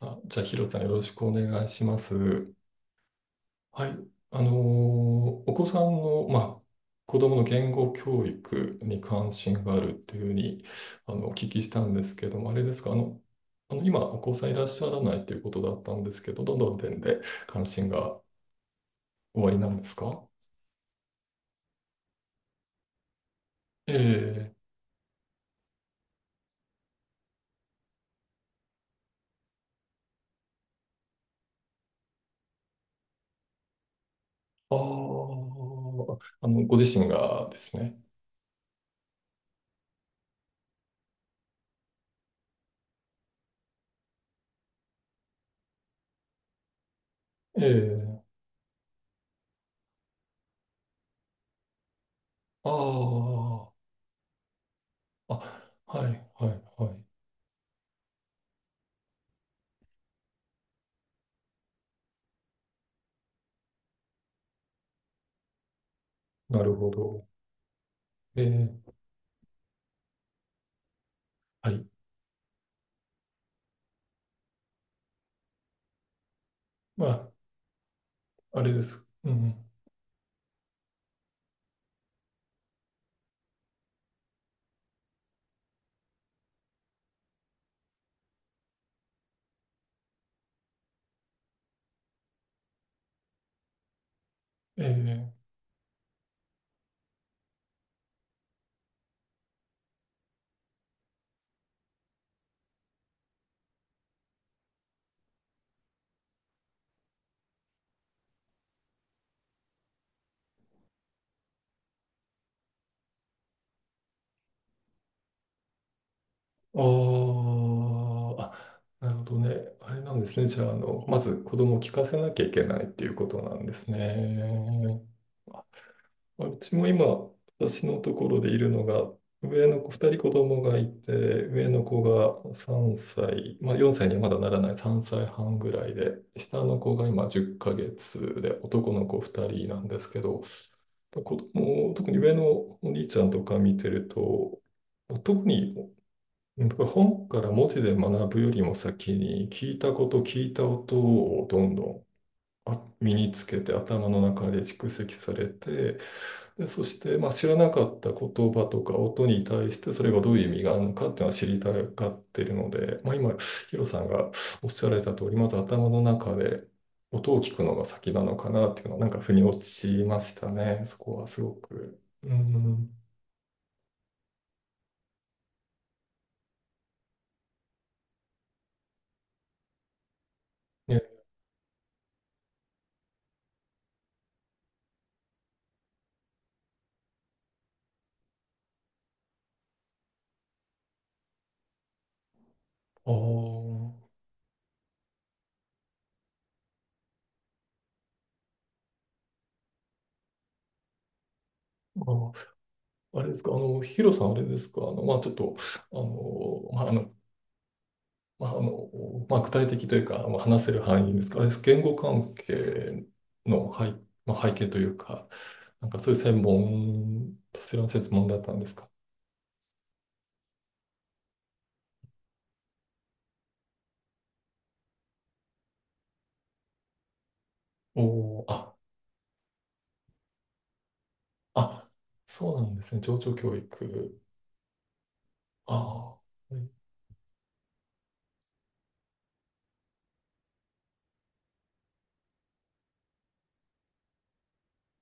あ、じゃあ、ヒロさん、よろしくお願いします。はい。あのーお子さんの、まあ、子供の言語教育に関心があるっていうふうに、お聞きしたんですけども、あれですか、今、お子さんいらっしゃらないということだったんですけど、どの点で関心がおありなんですか？ええ、ああー、ご自身がですね。ええ、ああ、あ、はい、はい、はい。なるほど。ええ、はい。まあ、あれです。うん。ええ、ああ、あ、なるほどね。あれなんですね。じゃあ、まず子供を聞かせなきゃいけないっていうことなんですね。うちも今、私のところでいるのが、上の子、2人子供がいて、上の子が3歳、まあ4歳にはまだならない3歳半ぐらいで、下の子が今10ヶ月で、男の子2人なんですけど、子供、特に上のお兄ちゃんとか見てると、特に、うん、僕は本から文字で学ぶよりも先に聞いた音をどんどん身につけて頭の中で蓄積されて、で、そして、まあ、知らなかった言葉とか音に対してそれがどういう意味があるのかっていうのは知りたがってるので、まあ、今ヒロさんがおっしゃられた通り、まず頭の中で音を聞くのが先なのかなっていうのはなんか腑に落ちましたね、そこはすごく。うん、ね、あーあーあれですか、ヒロさん、あれですか、まあ、ちょっと、まあ、まあ、まあ、具体的というか、まあ、話せる範囲ですか、あれです、言語関係のまあ、背景というか、なんかそういう専門、そちらの専門だったんですか。おお、あ、あ、そうなんですね、情緒教育。ああ、はい、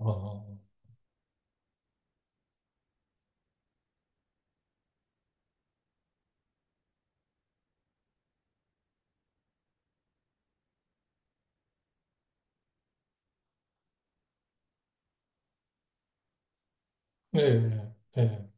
ああ、ええ、え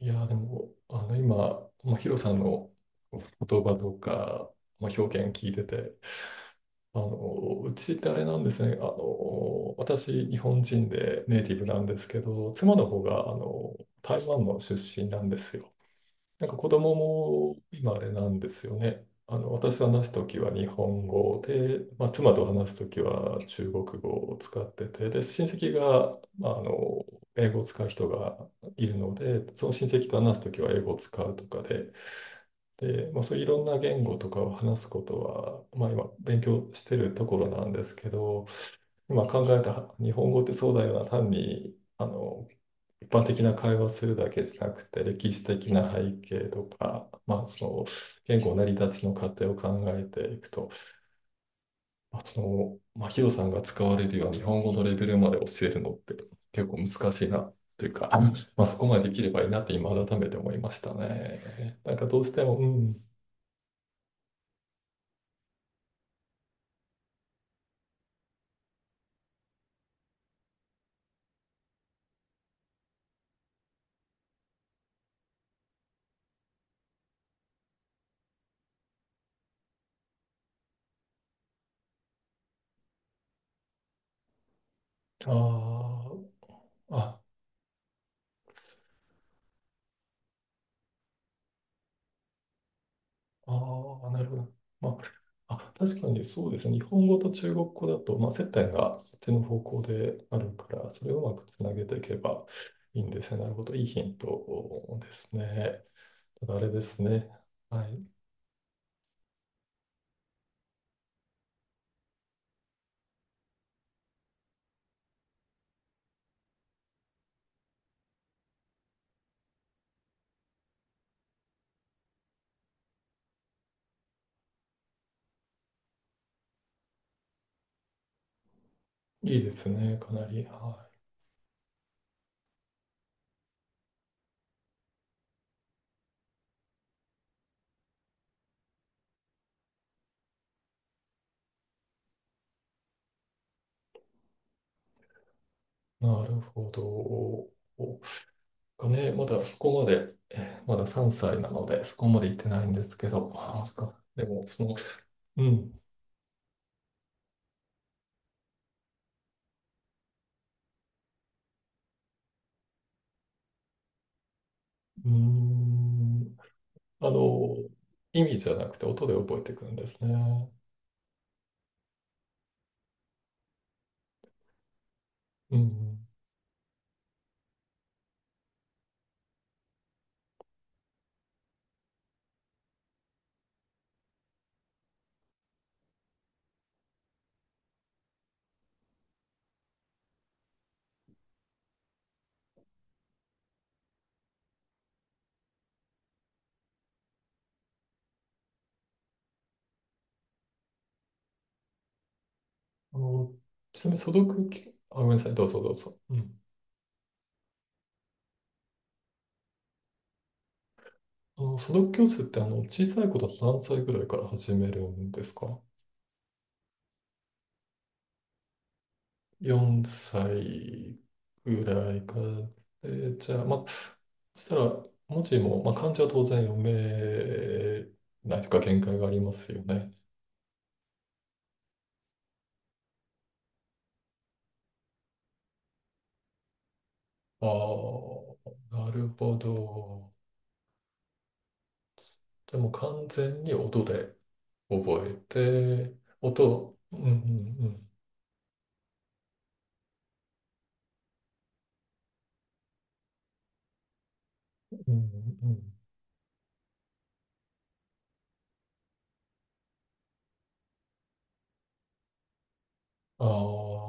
え、いや、でも、今、まあ、ヒロさんの言葉とか、まあ、表現聞いてて、うちってあれなんですね。私、日本人でネイティブなんですけど、妻の方が、台湾の出身なんですよ。なんか子供も今あれなんですよね。私と話すときは日本語で、まあ、妻と話すときは中国語を使ってて、で、親戚が、まあ、英語を使う人がいるので、その親戚と話すときは英語を使うとかで、で、まあ、そういういろんな言語とかを話すことは、まあ、今勉強してるところなんですけど、今考えた日本語ってそうだよな、単に一般的な会話するだけじゃなくて、歴史的な背景とか、まあ、その言語成り立ちの過程を考えていくと、まあ、その、まあ、ヒロさんが使われるような日本語のレベルまで教えるのって結構難しいなというか、まあ、そこまでできればいいなって今改めて思いましたね。なんかどうしても、うん、ああ、ああ、なるほど。まあ、あ、確かにそうですね。日本語と中国語だと、まあ、接点がそっちの方向であるから、それをうまくつなげていけばいいんですね。なるほど。いいヒントですね。ただあれですね。はい。いいですね、かなり。はい。なるほど。がね、まだそこまで、まだ3歳なので、そこまで行ってないんですけど、あ、そっか。でも、その、うん。うーん。あの、意味じゃなくて音で覚えていくんですね。うん。あの、ちなみに素読き、あ、ごめんなさい、どうぞどうぞ。うん。素読教室って小さい子だと何歳ぐらいから始めるんですか？ 4 歳ぐらいから。で、じゃあ、まあ、そしたら文字も、まあ、漢字は当然読めないというか限界がありますよね。ああ、なるほど。じゃあもう完全に音で。覚えて、音、うん、うん、うん、うん、うん。あ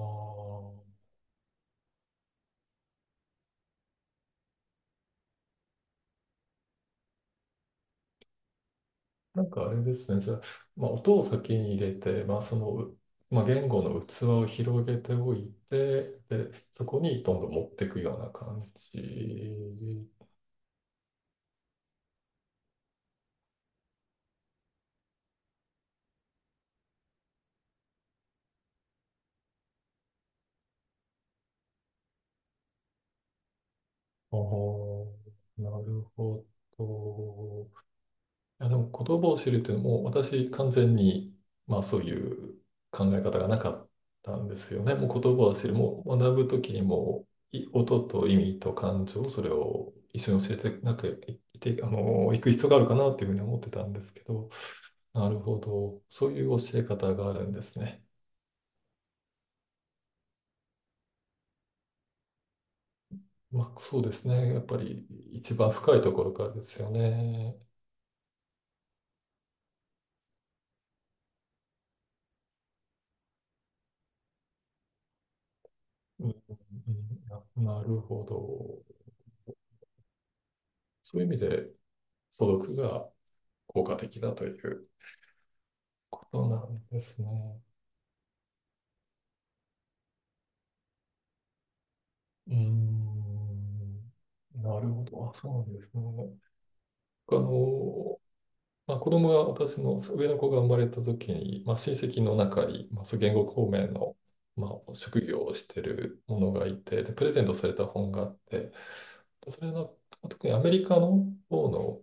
あ、なんかあれですね。じゃあ、まあ、音を先に入れて、まあ、その、まあ、言語の器を広げておいて、で、そこにどんどん持っていくような感じ。ああ、なるほど。いや、でも言葉を知るっていうのも、私完全に、まあ、そういう考え方がなかったんですよね。もう言葉を知る、もう学ぶときにも、音と意味と感情、それを一緒に教えて、なくいて、行く必要があるかなというふうに思ってたんですけど、なるほど。そういう教え方があるんですね。まあ、そうですね。やっぱり一番深いところからですよね。うん、うん、うん、なるほど。そういう意味で、素読が効果的だという。そうなんですね。うーん。なるほど。あ、そうなんですね。あの、まあ、子供が、私の上の子が生まれた時に、まあ、親戚の中に、まあ、そう言語方面の、まあ、職業をしてるものがいて、で、プレゼントされた本があって、それの、特にアメリカの方の、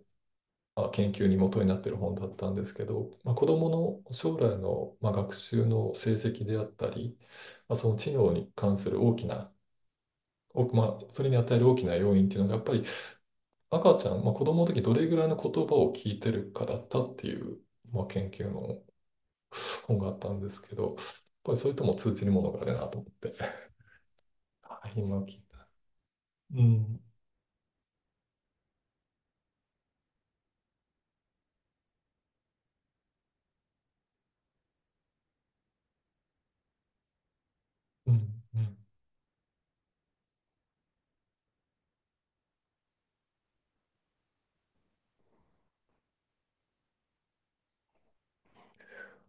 まあ、研究に基になっている本だったんですけど、まあ、子どもの将来の、まあ、学習の成績であったり、まあ、その知能に関する大きなまあ、それに与える大きな要因っていうのが、やっぱり赤ちゃん、まあ、子供の時どれぐらいの言葉を聞いてるかだったっていう、まあ、研究の本があったんですけど、やっぱりそれとも通じるものがあるなと思って。はい、今聞いた。うん、うん、うん。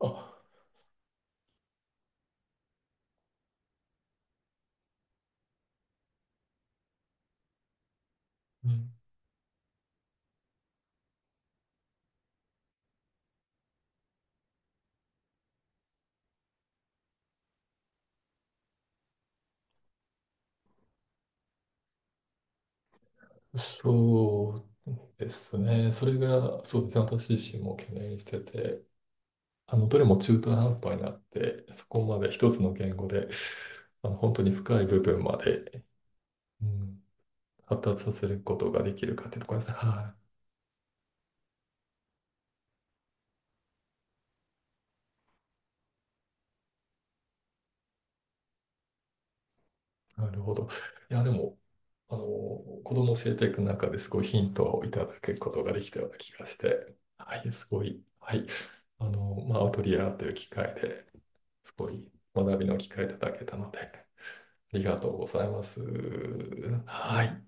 あ、うん、そうですね。それが、そうですね。私自身も懸念してて、どれも中途半端になって、そこまで一つの言語で、本当に深い部分まで、うん、発達させることができるかってところですね。はい。なるほど。いや、でも、子供を教えていく中ですごいヒントをいただくことができたような気がして、はい、すごい、はい。まあ、アウトリアという機会ですごい学びの機会いただけたので、ありがとうございます。はい。